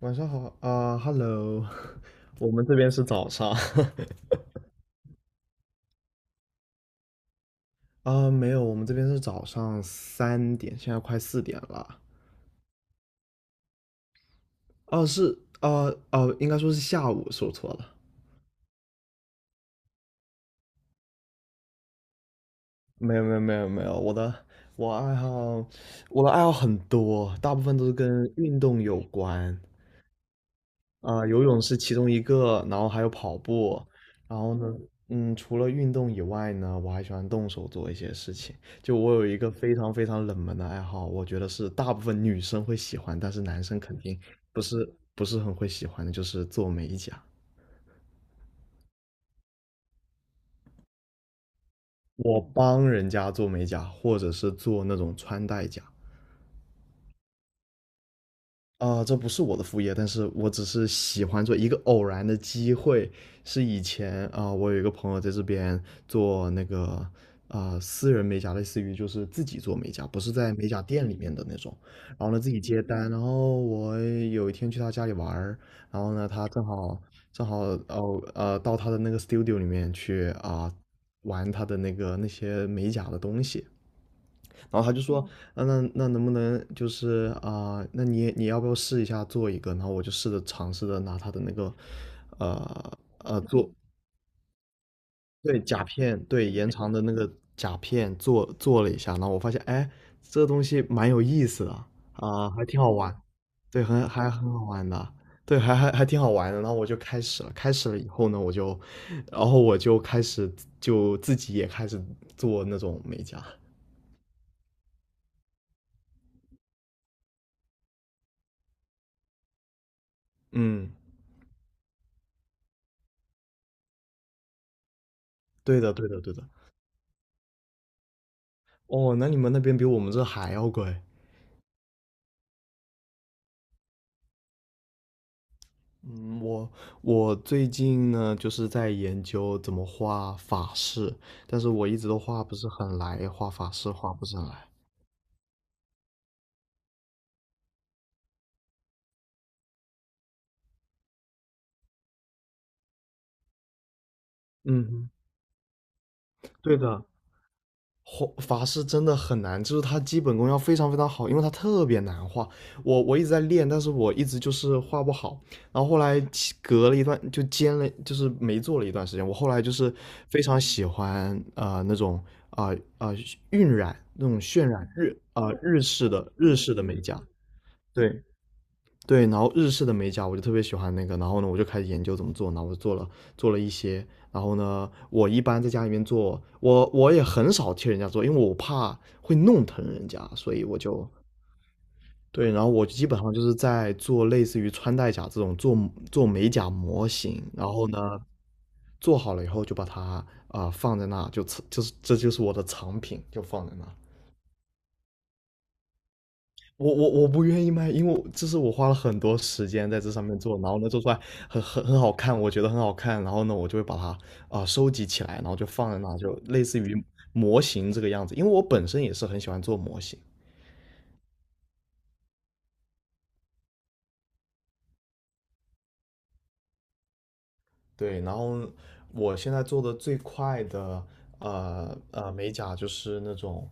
晚上好啊，Hello，我们这边是早上。 啊，没有，我们这边是早上3点，现在快4点了。哦，是，啊，哦，应该说是下午，说错了。没有，没有，没有，没有，我爱好，我的爱好很多，大部分都是跟运动有关。游泳是其中一个，然后还有跑步，然后呢，除了运动以外呢，我还喜欢动手做一些事情。就我有一个非常非常冷门的爱好，我觉得是大部分女生会喜欢，但是男生肯定不是很会喜欢的，就是做美甲。我帮人家做美甲，或者是做那种穿戴甲。啊，这不是我的副业，但是我只是喜欢做一个偶然的机会，是以前我有一个朋友在这边做那个私人美甲，类似于就是自己做美甲，不是在美甲店里面的那种。然后呢，自己接单，然后我有一天去他家里玩儿，然后呢，他正好到他的那个 studio 里面去玩他的那个那些美甲的东西，然后他就说，啊，那能不能就是那你要不要试一下做一个？然后我就尝试着拿他的那个，呃做对甲片对延长的那个甲片做了一下，然后我发现哎，这个东西蛮有意思的还挺好玩，对，很好玩的。对，还挺好玩的。然后我就开始了，开始了以后呢，然后我就开始自己也开始做那种美甲。嗯，对的，对的，对的。哦，那你们那边比我们这还要贵。嗯，我我最近呢，就是在研究怎么画法式，但是我一直都画不是很来，画法式画不是很来。嗯，对的，画法师真的很难，就是他基本功要非常非常好，因为他特别难画。我一直在练，但是我一直就是画不好。然后后来隔了一段就兼了，就是没做了一段时间。我后来就是非常喜欢那种啊啊、呃呃、晕染那种渲染日式的美甲，对对，然后日式的美甲我就特别喜欢那个，然后呢，我就开始研究怎么做，然后我做了一些，然后呢，我一般在家里面做，我也很少替人家做，因为我怕会弄疼人家，所以我就对，然后我基本上就是在做类似于穿戴甲这种做美甲模型，然后呢，做好了以后就把它放在那，就这就是这就是我的藏品，就放在那。我不愿意卖，因为我这是我花了很多时间在这上面做，然后呢做出来很好看，我觉得很好看，然后呢我就会把它收集起来，然后就放在那，就类似于模型这个样子。因为我本身也是很喜欢做模型，对，然后我现在做的最快的美甲就是那种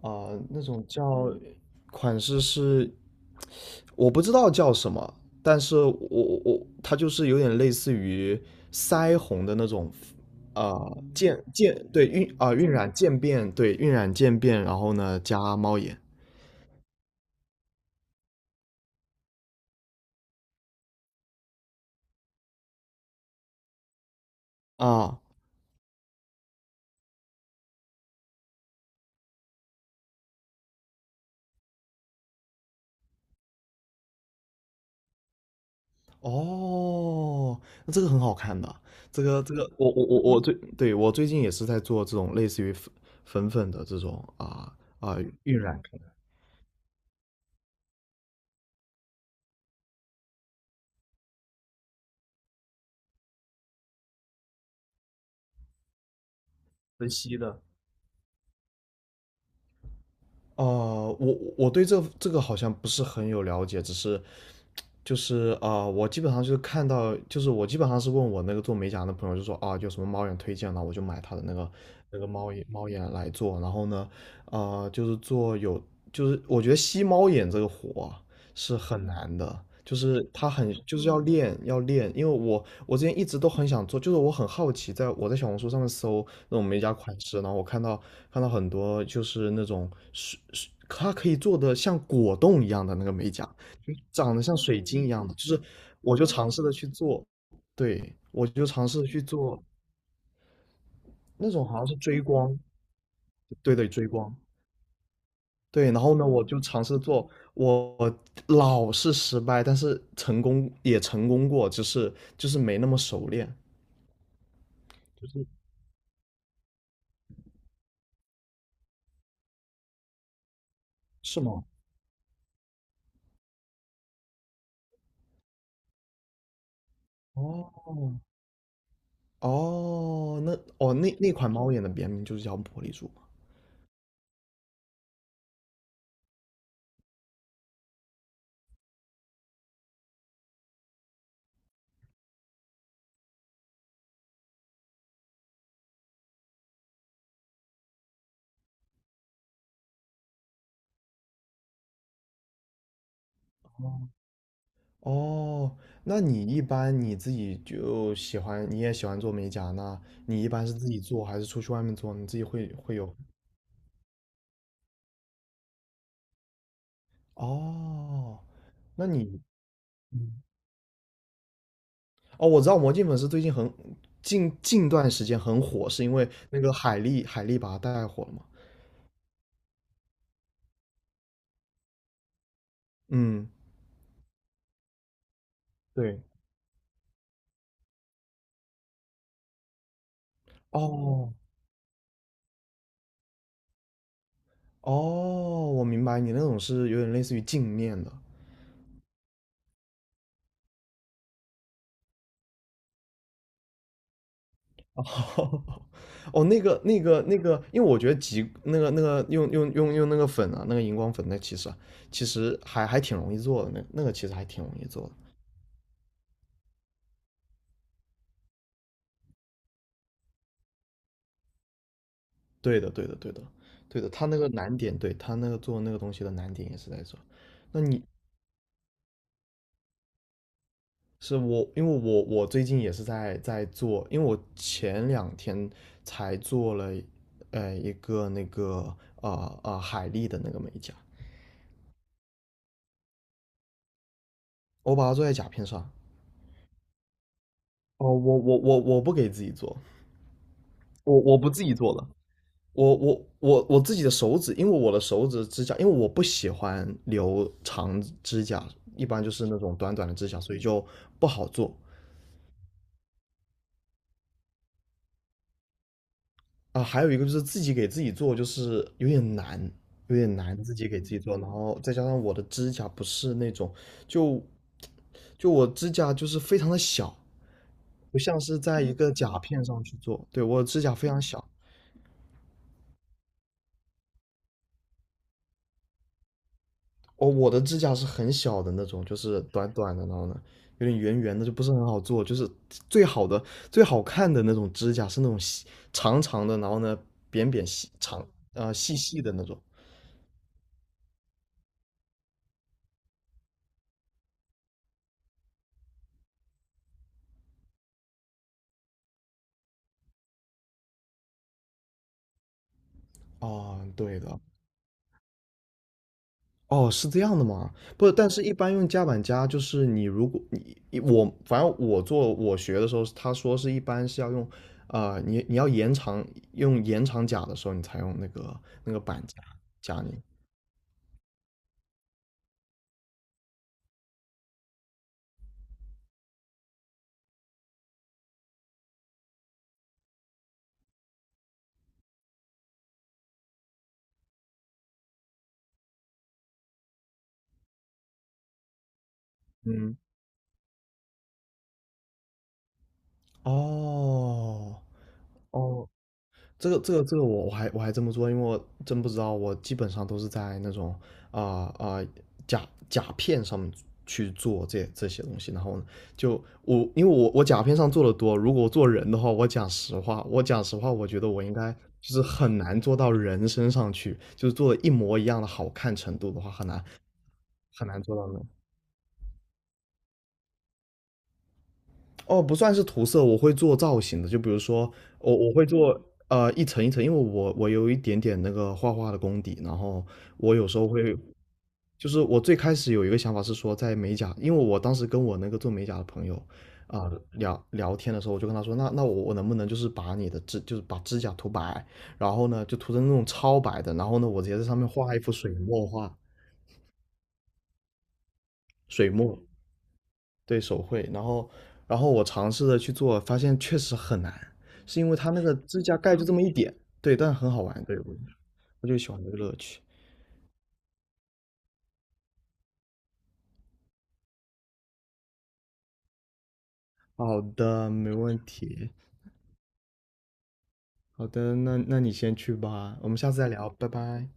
那种叫款式是我不知道叫什么，但是我它就是有点类似于腮红的那种对晕染渐变对晕染渐变，然后呢加猫眼啊。哦，那这个很好看的，我我我我嗯最，对，我最近也是在做这种类似于粉的这种啊晕染可能分析的。哦、我对这个好像不是很有了解，只是我基本上就是看到，就是我基本上是问我那个做美甲的朋友，就说啊，有什么猫眼推荐呢？我就买他的那个猫眼来做。然后呢，就是做有，就是我觉得吸猫眼这个活啊。是很难的，就是他很就是要练，因为我之前一直都很想做，就是我很好奇，我在小红书上面搜那种美甲款式，然后我看到很多就是那种水水，它可以做的像果冻一样的那个美甲，就长得像水晶一样的，就是我就尝试的去做，对，我就尝试的去做那种好像是追光，对对追光，对，然后呢，我就尝试做，我老是失败，但是成功也成功过，只是就是没那么熟练。就是是吗？哦哦，那那款猫眼的别名就是叫玻璃珠吗？哦，那你一般你自己就喜欢，你也喜欢做美甲，那你一般是自己做还是出去外面做？你自己会有？哦，那你。哦，我知道《魔镜粉丝》最近近段时间很火，是因为那个海莉把它带火了嘛？嗯，对。哦哦，我明白你那种是有点类似于镜面的。哦 哦，因为我觉得极那个那个用那个粉啊，那个荧光粉，那其实啊，其实还挺容易做的，那那个其实还挺容易做的。对的，对的，对的，对的，他那个难点，对他那个做那个东西的难点也是在这。那你是我，因为我最近也是在做，因为我前2天才做了，一个那个海丽的那个美甲，我把它做在甲片上。哦，我不给自己做，我不自己做了，我自己的手指，因为我的手指指甲，因为我不喜欢留长指甲，一般就是那种短短的指甲，所以就不好做。啊，还有一个就是自己给自己做，就是有点难，有点难自己给自己做，然后再加上我的指甲不是那种，就就我指甲就是非常的小，不像是在一个甲片上去做，对，我的指甲非常小，哦，我的指甲是很小的那种，就是短短的，然后呢有点圆圆的，就不是很好做，就是最好的最好看的那种指甲是那种细长长的，然后呢扁扁细长细细的那种，啊，对的，哦，是这样的吗？不，但是一般用夹板夹，就是你如果你我反正我学的时候，他说是一般是要用，你要延长用延长夹的时候，你才用那个板夹你。嗯，哦哦，这个我还真不知道，因为我真不知道，我基本上都是在那种啊啊、呃呃甲甲片上面去做这些东西，然后呢，就我因为我甲片上做的多，如果我做人的话，我讲实话，我觉得我应该就是很难做到人身上去，就是做的一模一样的好看程度的话，很难很难做到那。哦，不算是涂色，我会做造型的。就比如说，我会做一层一层，因为我有一点点那个画画的功底，然后我有时候会，就是我最开始有一个想法是说，在美甲，因为我当时跟我那个做美甲的朋友聊聊天的时候，我就跟他说，那我能不能就是把你的指就是把指甲涂白，然后呢就涂成那种超白的，然后呢我直接在上面画一幅水墨画，水墨。对手绘，然后我尝试着去做，发现确实很难，是因为它那个指甲盖就这么一点，对，但很好玩，对，我就喜欢这个乐趣。好的，没问题。好的，那你先去吧，我们下次再聊，拜拜。